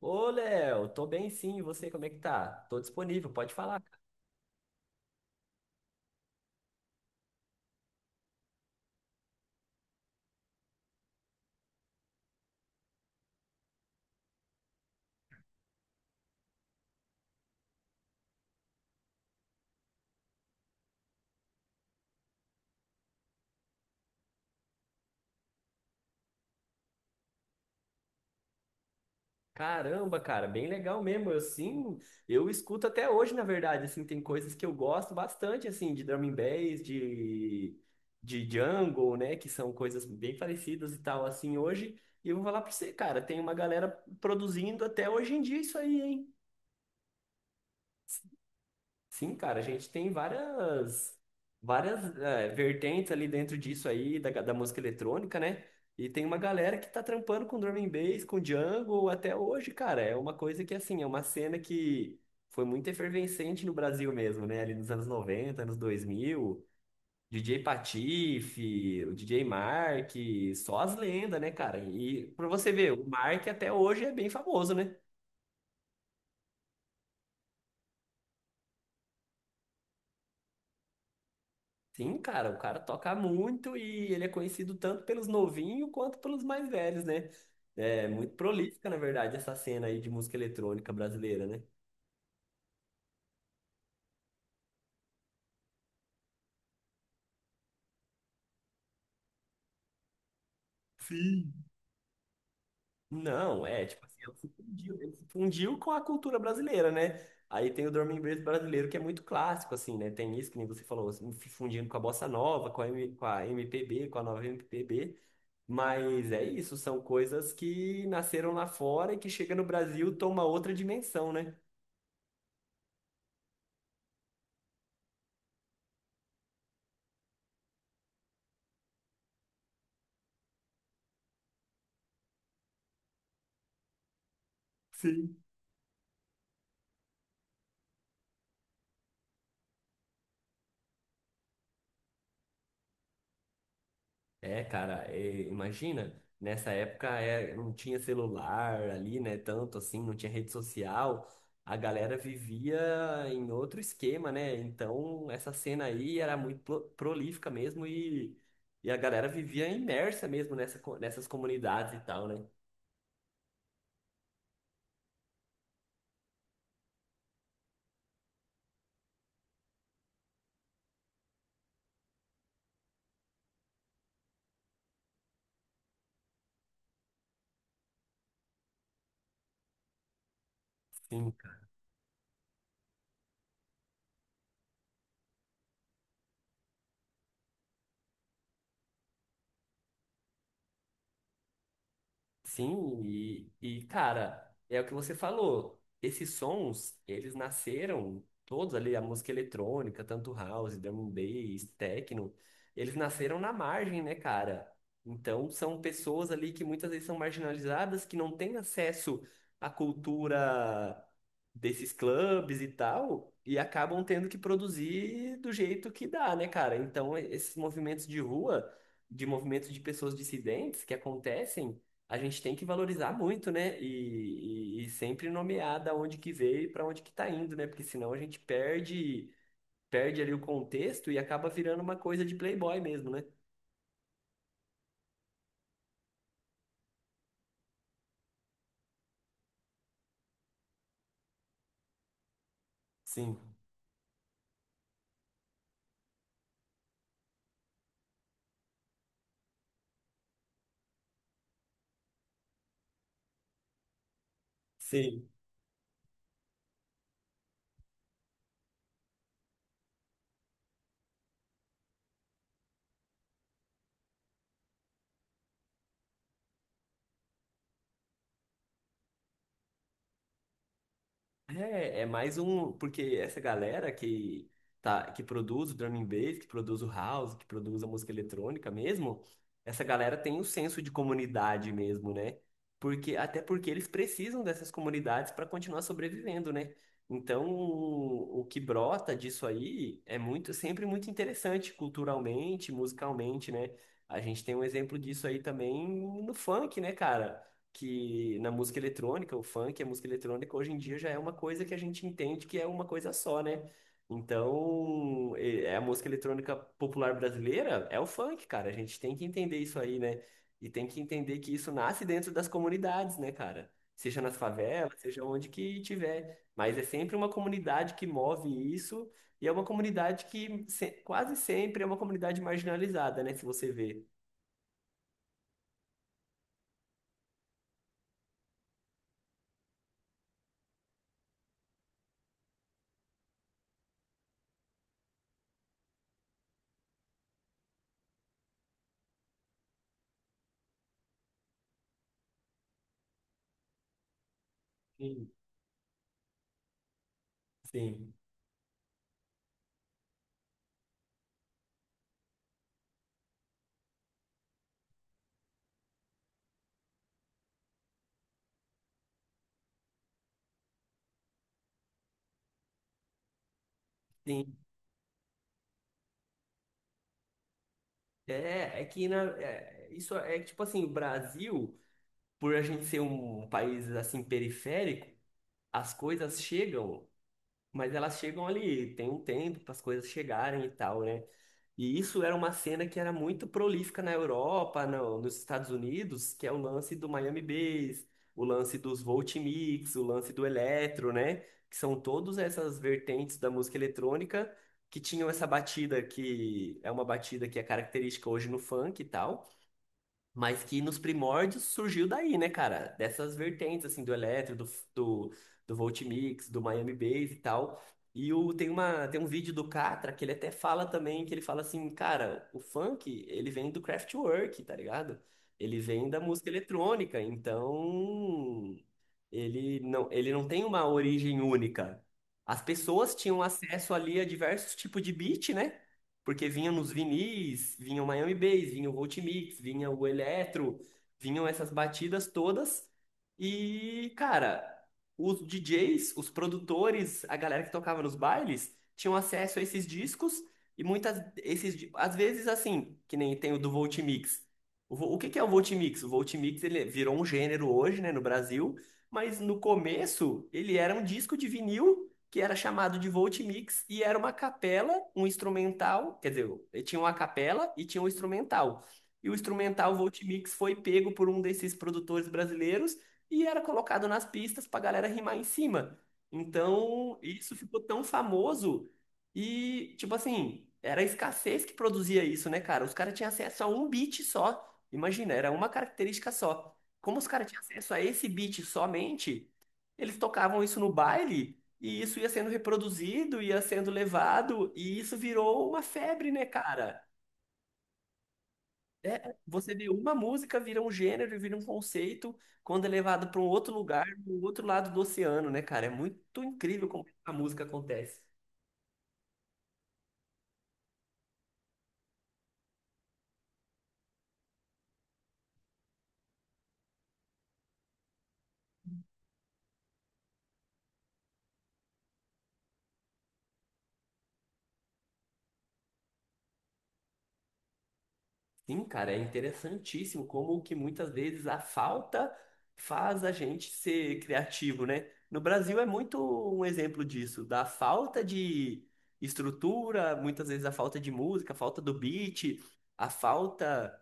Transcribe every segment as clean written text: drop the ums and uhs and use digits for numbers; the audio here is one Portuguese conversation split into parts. Ô, Léo, tô bem sim, e você como é que tá? Tô disponível, pode falar. Caramba, cara, bem legal mesmo. Eu sim, eu escuto até hoje, na verdade, assim, tem coisas que eu gosto bastante, assim, de drum and bass, de jungle, né, que são coisas bem parecidas e tal, assim, hoje. E eu vou falar pra você, cara, tem uma galera produzindo até hoje em dia isso aí, hein? Sim, cara, a gente tem várias vertentes ali dentro disso aí, da música eletrônica, né? E tem uma galera que tá trampando com drum and bass, com jungle até hoje, cara. É uma coisa que, assim, é uma cena que foi muito efervescente no Brasil mesmo, né? Ali nos anos 90 anos 2000, DJ Patife, o DJ Mark, só as lendas, né, cara? E pra você ver, o Mark até hoje é bem famoso, né? Sim, cara, o cara toca muito e ele é conhecido tanto pelos novinhos quanto pelos mais velhos, né? É muito prolífica, na verdade, essa cena aí de música eletrônica brasileira, né? Sim. Não, é, tipo assim, ele se fundiu com a cultura brasileira, né? Aí tem o Drum and Bass brasileiro, que é muito clássico, assim, né? Tem isso que nem você falou, assim, se fundindo com a bossa nova, com a MPB, com a nova MPB. Mas é isso, são coisas que nasceram lá fora e que chega no Brasil, toma outra dimensão, né? Sim. É, cara, imagina, nessa época não tinha celular ali, né? Tanto assim, não tinha rede social, a galera vivia em outro esquema, né? Então, essa cena aí era muito prolífica mesmo e a galera vivia imersa mesmo nessas comunidades e tal, né? Sim. Sim, e cara, é o que você falou. Esses sons, eles nasceram todos ali, a música eletrônica, tanto house, drum and bass, techno, eles nasceram na margem, né, cara? Então, são pessoas ali que muitas vezes são marginalizadas, que não têm acesso à cultura desses clubes e tal, e acabam tendo que produzir do jeito que dá, né, cara? Então, esses movimentos de rua, de movimentos de pessoas dissidentes que acontecem a gente tem que valorizar muito, né? E sempre nomear da onde que veio e para onde que tá indo, né? Porque senão a gente perde ali o contexto e acaba virando uma coisa de playboy mesmo, né? Sim. Sim. É mais um, porque essa galera que produz o drum and bass, que produz o house, que produz a música eletrônica mesmo, essa galera tem um senso de comunidade mesmo, né? Porque até porque eles precisam dessas comunidades para continuar sobrevivendo, né? Então, o que brota disso aí é muito, sempre muito interessante culturalmente, musicalmente, né? A gente tem um exemplo disso aí também no funk, né, cara? Que na música eletrônica, o funk, a música eletrônica, hoje em dia já é uma coisa que a gente entende que é uma coisa só, né? Então, é a música eletrônica popular brasileira é o funk, cara. A gente tem que entender isso aí, né? E tem que entender que isso nasce dentro das comunidades, né, cara? Seja nas favelas, seja onde que tiver. Mas é sempre uma comunidade que move isso, e é uma comunidade que se- quase sempre é uma comunidade marginalizada, né? Se você vê. Sim, sim. Sim. É que isso é que, tipo assim, o Brasil, por a gente ser um país assim periférico, as coisas chegam, mas elas chegam ali, tem um tempo para as coisas chegarem e tal, né? E isso era uma cena que era muito prolífica na Europa, nos Estados Unidos, que é o lance do Miami Bass, o lance dos Voltimix, o lance do eletro, né? Que são todas essas vertentes da música eletrônica que tinham essa batida que é uma batida que é característica hoje no funk e tal. Mas que nos primórdios surgiu daí, né, cara? Dessas vertentes, assim, do eletro, do, do, do Voltimix, do Miami Bass e tal. E tem um vídeo do Catra que ele até fala também, que ele fala assim, cara, o funk, ele vem do Kraftwerk, tá ligado? Ele vem da música eletrônica, então... Ele não tem uma origem única. As pessoas tinham acesso ali a diversos tipos de beat, né? Porque vinham nos vinis, vinha o Miami Bass, vinha o Voltimix, vinha o Eletro, vinham essas batidas todas. E, cara, os DJs, os produtores, a galera que tocava nos bailes, tinham acesso a esses discos e muitas às vezes assim, que nem tem o do Voltimix. O que que é o Voltimix? O Voltimix ele virou um gênero hoje, né, no Brasil, mas no começo, ele era um disco de vinil que era chamado de Voltimix e era uma capela, um instrumental, quer dizer, ele tinha uma capela e tinha um instrumental. E o instrumental Voltimix foi pego por um desses produtores brasileiros e era colocado nas pistas pra galera rimar em cima. Então, isso ficou tão famoso e, tipo assim, era a escassez que produzia isso, né, cara? Os caras tinham acesso a um beat só. Imagina, era uma característica só. Como os caras tinham acesso a esse beat somente, eles tocavam isso no baile e isso ia sendo reproduzido, ia sendo levado e isso virou uma febre, né, cara? É, você vê uma música vira um gênero, vira um conceito, quando é levado para um outro lugar, do outro lado do oceano, né, cara? É muito incrível como a música acontece. Sim, cara, é interessantíssimo como que muitas vezes a falta faz a gente ser criativo, né? No Brasil é muito um exemplo disso, da falta de estrutura, muitas vezes a falta de música, a falta do beat, a falta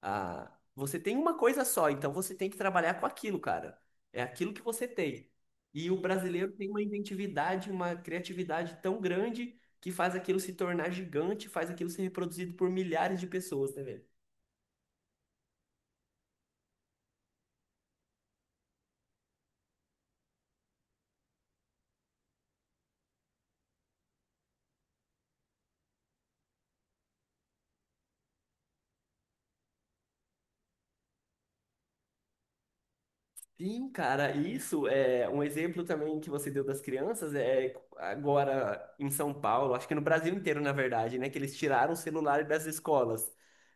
a você tem uma coisa só, então você tem que trabalhar com aquilo, cara. É aquilo que você tem. E o brasileiro tem uma inventividade, uma criatividade tão grande que faz aquilo se tornar gigante, faz aquilo ser reproduzido por milhares de pessoas, né, velho? Sim, cara, isso é um exemplo também que você deu das crianças agora em São Paulo, acho que no Brasil inteiro, na verdade, né, que eles tiraram o celular das escolas.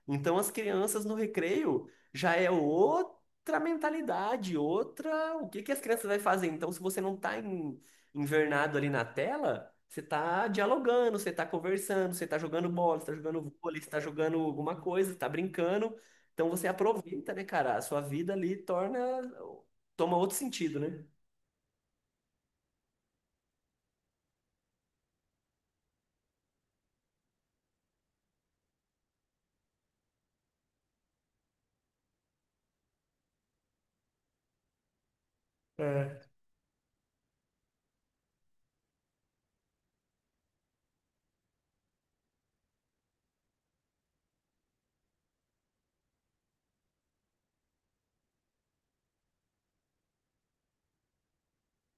Então as crianças no recreio já é outra mentalidade, outra, o que que as crianças vai fazer? Então se você não tá invernado ali na tela, você tá dialogando, você tá conversando, você tá jogando bola, você tá jogando vôlei, você tá jogando alguma coisa, você tá brincando. Então você aproveita, né, cara? A sua vida ali torna toma outro sentido, né? É.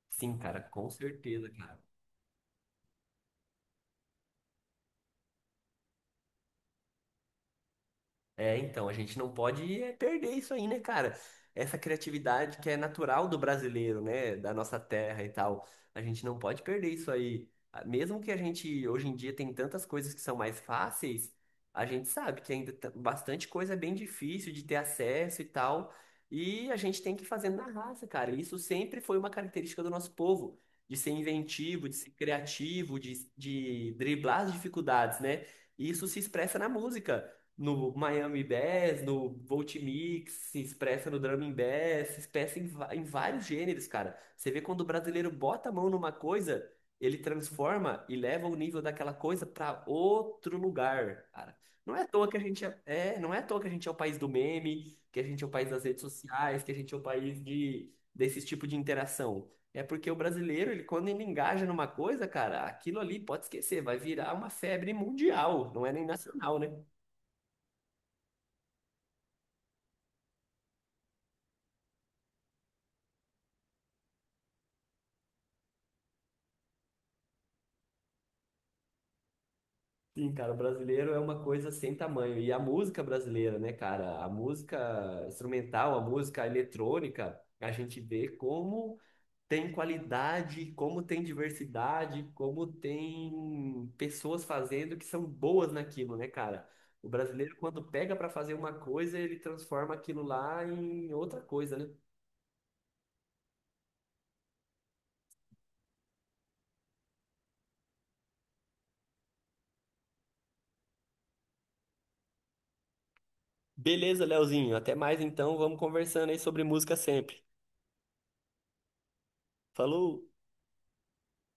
Sim, cara, com certeza, cara. É, então, a gente não pode perder isso aí, né, cara? Essa criatividade que é natural do brasileiro, né? Da nossa terra e tal. A gente não pode perder isso aí. Ah, mesmo que a gente, hoje em dia, tem tantas coisas que são mais fáceis, a gente sabe que ainda bastante coisa é bem difícil de ter acesso e tal. E a gente tem que ir fazendo na raça, cara. Isso sempre foi uma característica do nosso povo, de ser inventivo, de ser criativo, de driblar as dificuldades, né? E isso se expressa na música, no Miami Bass, no Volt Mix, se expressa no Drum and Bass, se expressa em vários gêneros, cara. Você vê quando o brasileiro bota a mão numa coisa, ele transforma e leva o nível daquela coisa para outro lugar, cara. Não é à toa que a gente não é à toa que a gente é o país do meme, que a gente é o país das redes sociais, que a gente é o país de desse tipo de interação. É porque o brasileiro, ele quando ele engaja numa coisa, cara, aquilo ali pode esquecer, vai virar uma febre mundial, não é nem nacional, né? Sim, cara, o brasileiro é uma coisa sem tamanho. E a música brasileira, né, cara? A música instrumental, a música eletrônica, a gente vê como tem qualidade, como tem diversidade, como tem pessoas fazendo que são boas naquilo, né, cara? O brasileiro, quando pega pra fazer uma coisa, ele transforma aquilo lá em outra coisa, né? Beleza, Leozinho. Até mais então. Vamos conversando aí sobre música sempre. Falou!